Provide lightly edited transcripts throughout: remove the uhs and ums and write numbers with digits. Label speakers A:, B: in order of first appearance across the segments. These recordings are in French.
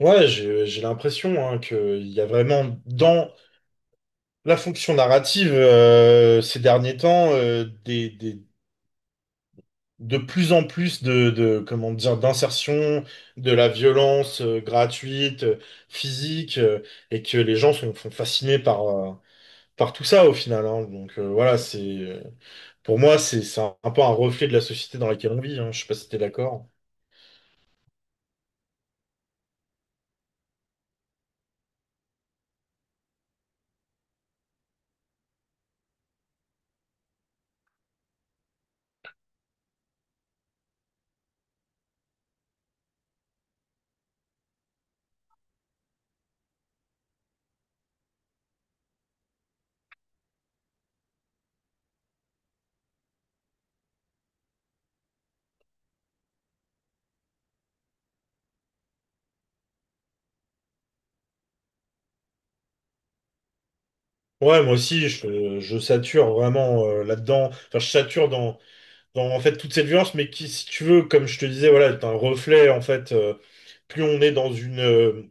A: Ouais, j'ai l'impression, hein, qu'il y a vraiment dans la fonction narrative ces derniers temps de plus en plus de comment dire d'insertion de la violence gratuite, physique, et que les gens sont fascinés par tout ça au final, hein. Donc voilà, c'est pour moi, c'est un peu un reflet de la société dans laquelle on vit, hein. Je sais pas si t'es d'accord. Ouais, moi aussi, je sature vraiment là-dedans. Enfin, je sature en fait toute cette violence, mais qui, si tu veux, comme je te disais, voilà, est un reflet en fait. Plus on est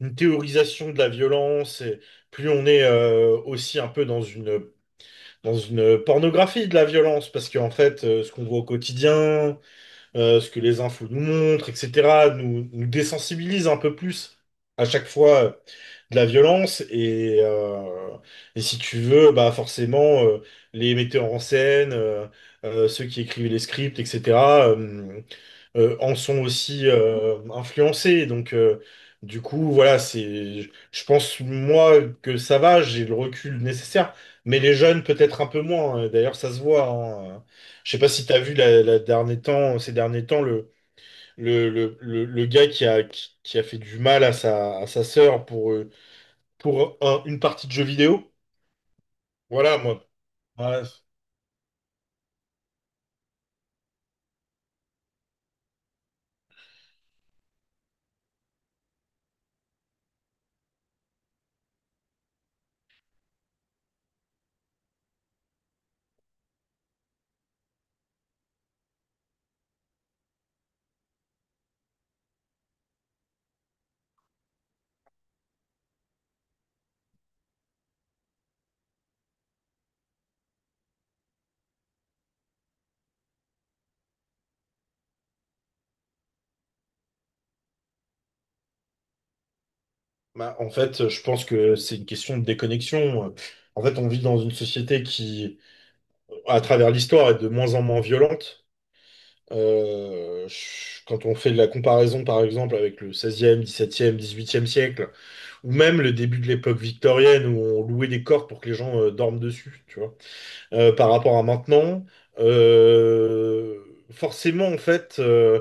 A: une théorisation de la violence, et plus on est aussi un peu dans une pornographie de la violence, parce qu'en fait, ce qu'on voit au quotidien, ce que les infos nous montrent, etc., nous désensibilise un peu plus à chaque fois, de la violence. Et si tu veux, bah forcément, les metteurs en scène, ceux qui écrivent les scripts, etc., en sont aussi influencés. Donc, du coup, voilà, c'est, je pense, moi, que ça va, j'ai le recul nécessaire. Mais les jeunes, peut-être un peu moins, hein. D'ailleurs, ça se voit, hein. Je sais pas si tu as vu ces derniers temps le gars qui a fait du mal à sa sœur pour une partie de jeu vidéo. Voilà, moi. Ouais. Bah, en fait, je pense que c'est une question de déconnexion. En fait, on vit dans une société qui, à travers l'histoire, est de moins en moins violente. Quand on fait de la comparaison, par exemple, avec le 16e, 17e, 18e siècle, ou même le début de l'époque victorienne, où on louait des cordes pour que les gens dorment dessus, tu vois. Par rapport à maintenant, euh, forcément, en fait, euh,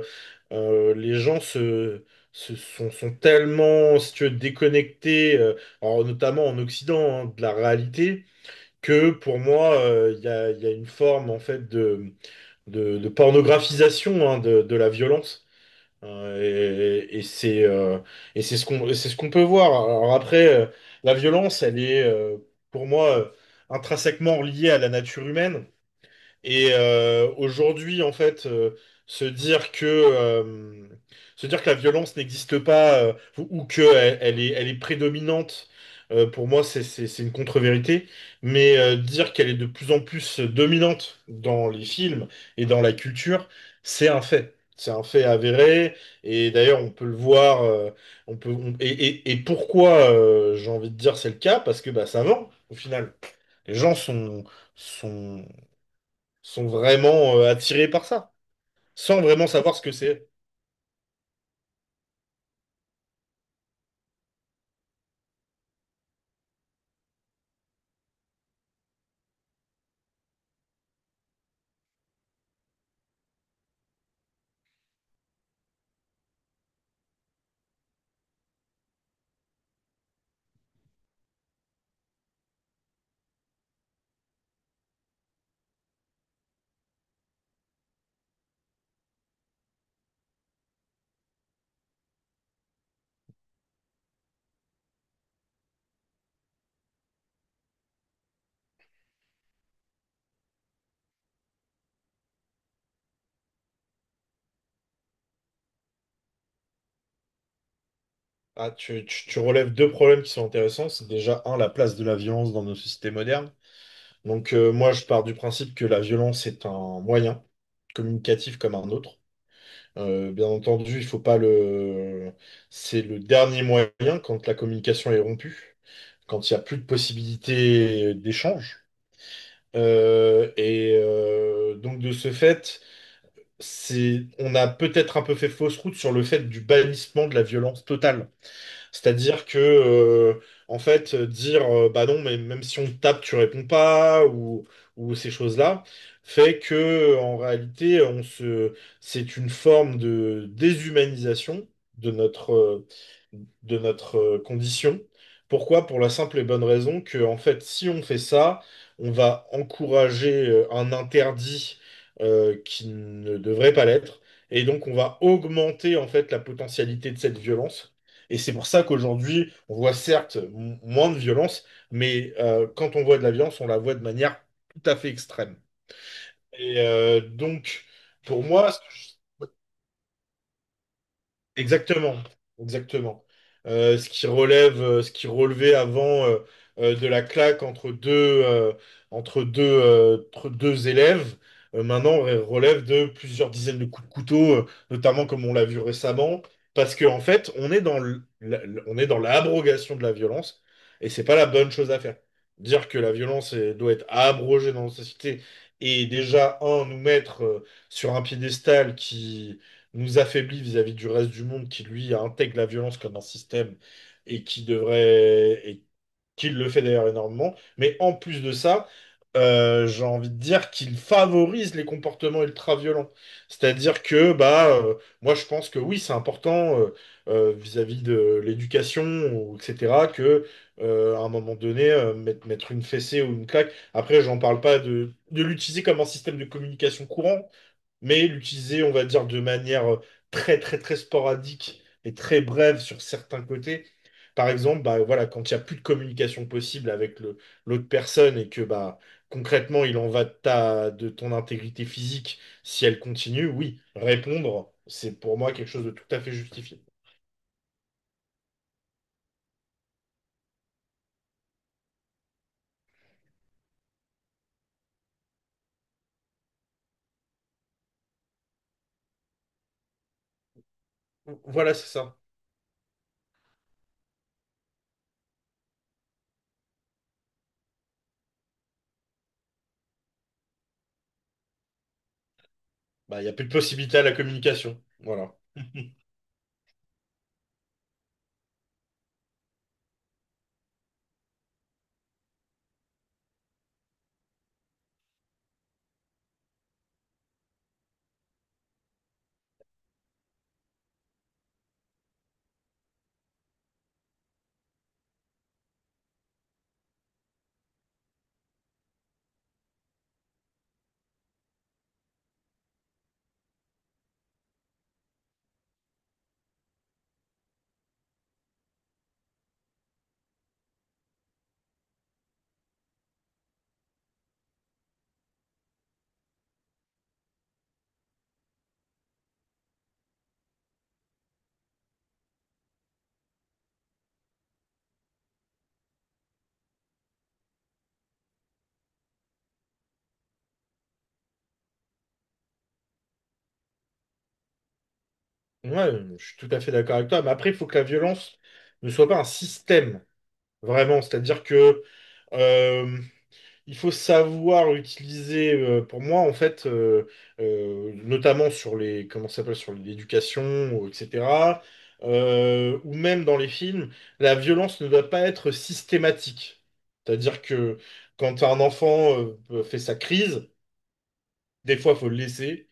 A: euh, les gens sont tellement, si tu veux, déconnectés, alors notamment en Occident, hein, de la réalité, que pour moi, il y a une forme en fait de pornographisation, hein, de la violence, hein. Et c'est et c'est ce qu'on et c'est ce qu'on peut voir. Alors après, la violence, elle est, pour moi, intrinsèquement liée à la nature humaine. Et aujourd'hui, en fait, se dire que euh, se dire que la violence n'existe pas, ou ou que elle, elle est prédominante, pour moi, c'est une contre-vérité. Mais dire qu'elle est de plus en plus dominante dans les films et dans la culture, c'est un fait. C'est un fait avéré. Et d'ailleurs, on peut le voir. On peut on- et Pourquoi, j'ai envie de dire, c'est le cas? Parce que bah ça vend au final. Les gens sont sont vraiment, attirés par ça, sans vraiment savoir ce que c'est. Ah, tu relèves deux problèmes qui sont intéressants. C'est déjà, un, la place de la violence dans nos sociétés modernes. Donc, moi, je pars du principe que la violence est un moyen communicatif comme un autre. Bien entendu, il faut pas le... C'est le dernier moyen quand la communication est rompue, quand il n'y a plus de possibilités d'échange. Donc, de ce fait, c'est, on a peut-être un peu fait fausse route sur le fait du bannissement de la violence totale. C'est-à-dire que, en fait, dire bah non, mais même si on te tape, tu réponds pas, ou ces choses-là, fait que, en réalité, c'est une forme de déshumanisation de notre, condition. Pourquoi? Pour la simple et bonne raison que, en fait, si on fait ça, on va encourager, un interdit, qui ne devrait pas l'être. Et donc, on va augmenter en fait la potentialité de cette violence. Et c'est pour ça qu'aujourd'hui, on voit certes moins de violence, mais, quand on voit de la violence, on la voit de manière tout à fait extrême. Et donc, pour moi... Exactement, exactement. Ce ce qui relevait avant, de la claque entre deux élèves, maintenant relève de plusieurs dizaines de coups de couteau, notamment comme on l'a vu récemment, parce qu'en fait, on est dans l'abrogation de la violence, et c'est pas la bonne chose à faire. Dire que la violence, elle doit être abrogée dans nos sociétés, et déjà, un, nous mettre sur un piédestal nous affaiblit vis-à-vis du reste du monde qui, lui, intègre la violence comme un système, et qui le fait d'ailleurs énormément. Mais en plus de ça, j'ai envie de dire qu'il favorise les comportements ultra-violents. C'est-à-dire que, bah, moi, je pense que oui, c'est important, vis-à-vis de l'éducation, ou etc., que, à un moment donné, mettre une fessée ou une claque. Après, j'en parle pas de l'utiliser comme un système de communication courant, mais l'utiliser, on va dire, de manière, très, très, très sporadique et très brève sur certains côtés. Par exemple, bah, voilà, quand il n'y a plus de communication possible avec l'autre personne, et que bah, concrètement, il en va de, de ton intégrité physique, si elle continue, oui, répondre, c'est pour moi quelque chose de tout à fait justifié. Voilà, c'est ça. Bah, il n'y a plus de possibilité à la communication. Voilà. Ouais, je suis tout à fait d'accord avec toi. Mais après, il faut que la violence ne soit pas un système, vraiment. C'est-à-dire que, Euh, il faut savoir utiliser, pour moi, en fait, notamment comment ça s'appelle, sur l'éducation, etc., ou même dans les films, la violence ne doit pas être systématique. C'est-à-dire que quand un enfant fait sa crise, des fois, faut le laisser.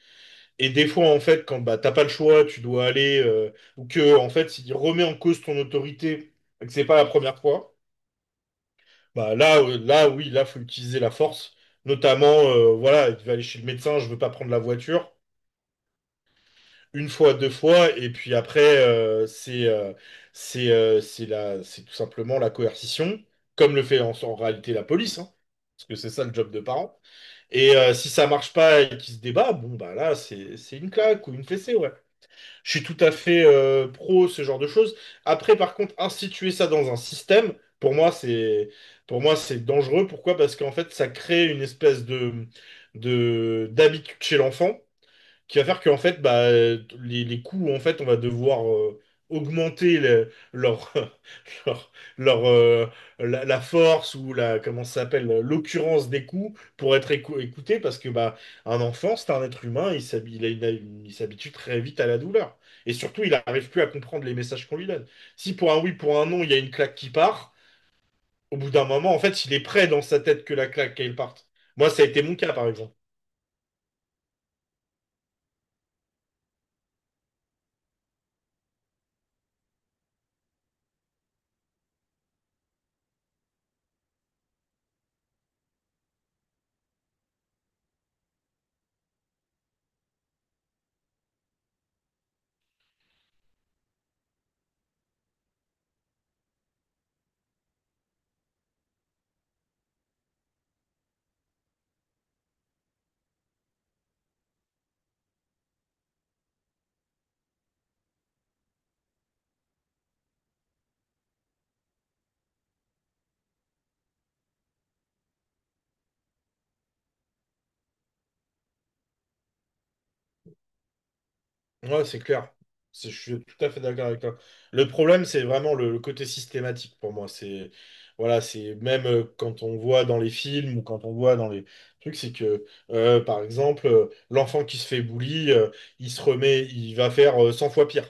A: Et des fois, en fait, quand bah, t'as pas le choix, tu dois aller, ou que, en fait, il remet en cause ton autorité, et que c'est pas la première fois. Bah là, là, oui, là, faut utiliser la force. Notamment, voilà, il va aller chez le médecin, je veux pas prendre la voiture. Une fois, deux fois, et puis après, c'est tout simplement la coercition, comme le fait en réalité la police, hein, parce que c'est ça le job de parent. Et si ça marche pas et qu'il se débat, bon bah là, c'est une claque ou une fessée, ouais. Je suis tout à fait, pro ce genre de choses. Après, par contre, instituer ça dans un système, pour moi, c'est pour moi, c'est dangereux. Pourquoi? Parce qu'en fait, ça crée une espèce de d'habitude chez l'enfant, qui va faire qu'en fait, bah, les coûts, en fait, on va devoir, augmenter leur, leur, leur, euh, la force ou la, comment ça s'appelle, l'occurrence des coûts pour être écouté, parce que bah, un enfant, c'est un être humain, il a il a il s'habitue très vite à la douleur. Et surtout, il n'arrive plus à comprendre les messages qu'on lui donne. Si pour un oui, pour un non, il y a une claque qui part, au bout d'un moment, en fait, il est prêt dans sa tête que la claque, elle parte. Moi, ça a été mon cas, par exemple. Ouais, c'est clair. Je suis tout à fait d'accord avec toi. Le problème, c'est vraiment le côté systématique pour moi. C'est voilà, c'est même, quand on voit dans les films ou quand on voit dans les trucs, c'est que, par exemple, l'enfant qui se fait bully, il se remet, il va faire 100 fois pire.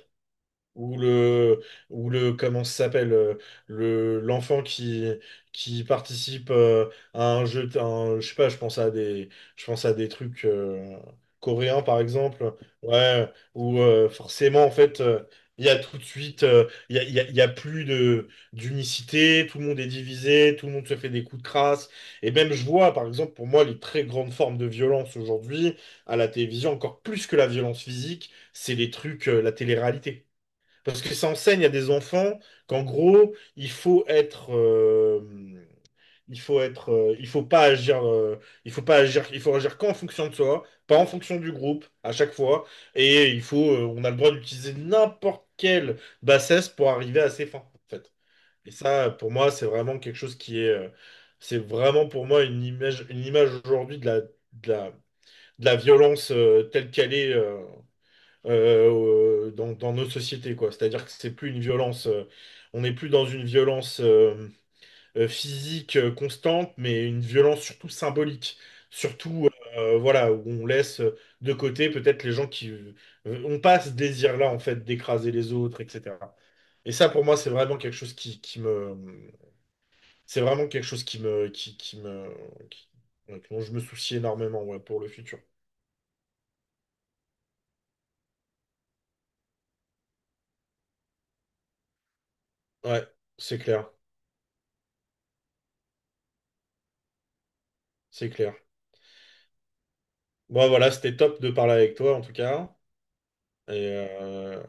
A: Ou le, comment ça s'appelle, l'enfant qui participe, à un jeu, je sais pas, je pense à des trucs, coréens par exemple, ouais, où, forcément en fait, il y a tout de suite, il y a plus d'unicité, tout le monde est divisé, tout le monde se fait des coups de crasse, et même je vois par exemple pour moi les très grandes formes de violence aujourd'hui à la télévision, encore plus que la violence physique, c'est les trucs, la télé-réalité. Parce que ça enseigne à des enfants qu'en gros, il faut être, il faut être, il faut pas agir, il faut pas agir, il faut agir qu'en fonction de soi, pas en fonction du groupe à chaque fois. Et on a le droit d'utiliser n'importe quelle bassesse pour arriver à ses fins, en fait. Et ça, pour moi, c'est vraiment quelque chose qui est, c'est vraiment pour moi une image aujourd'hui de la violence, telle qu'elle est. Dans nos sociétés, quoi. C'est-à-dire que c'est plus une violence, on n'est plus dans une violence, physique, constante, mais une violence surtout symbolique, surtout, voilà, où on laisse, de côté peut-être les gens qui, ont pas ce désir-là en fait d'écraser les autres, etc. Et ça pour moi c'est vraiment quelque chose c'est vraiment quelque chose qui- dont je me soucie énormément, ouais, pour le futur. Ouais, c'est clair, c'est clair. Bon, voilà, c'était top de parler avec toi en tout cas. Et euh,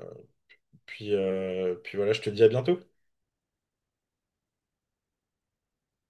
A: puis voilà, je te dis à bientôt.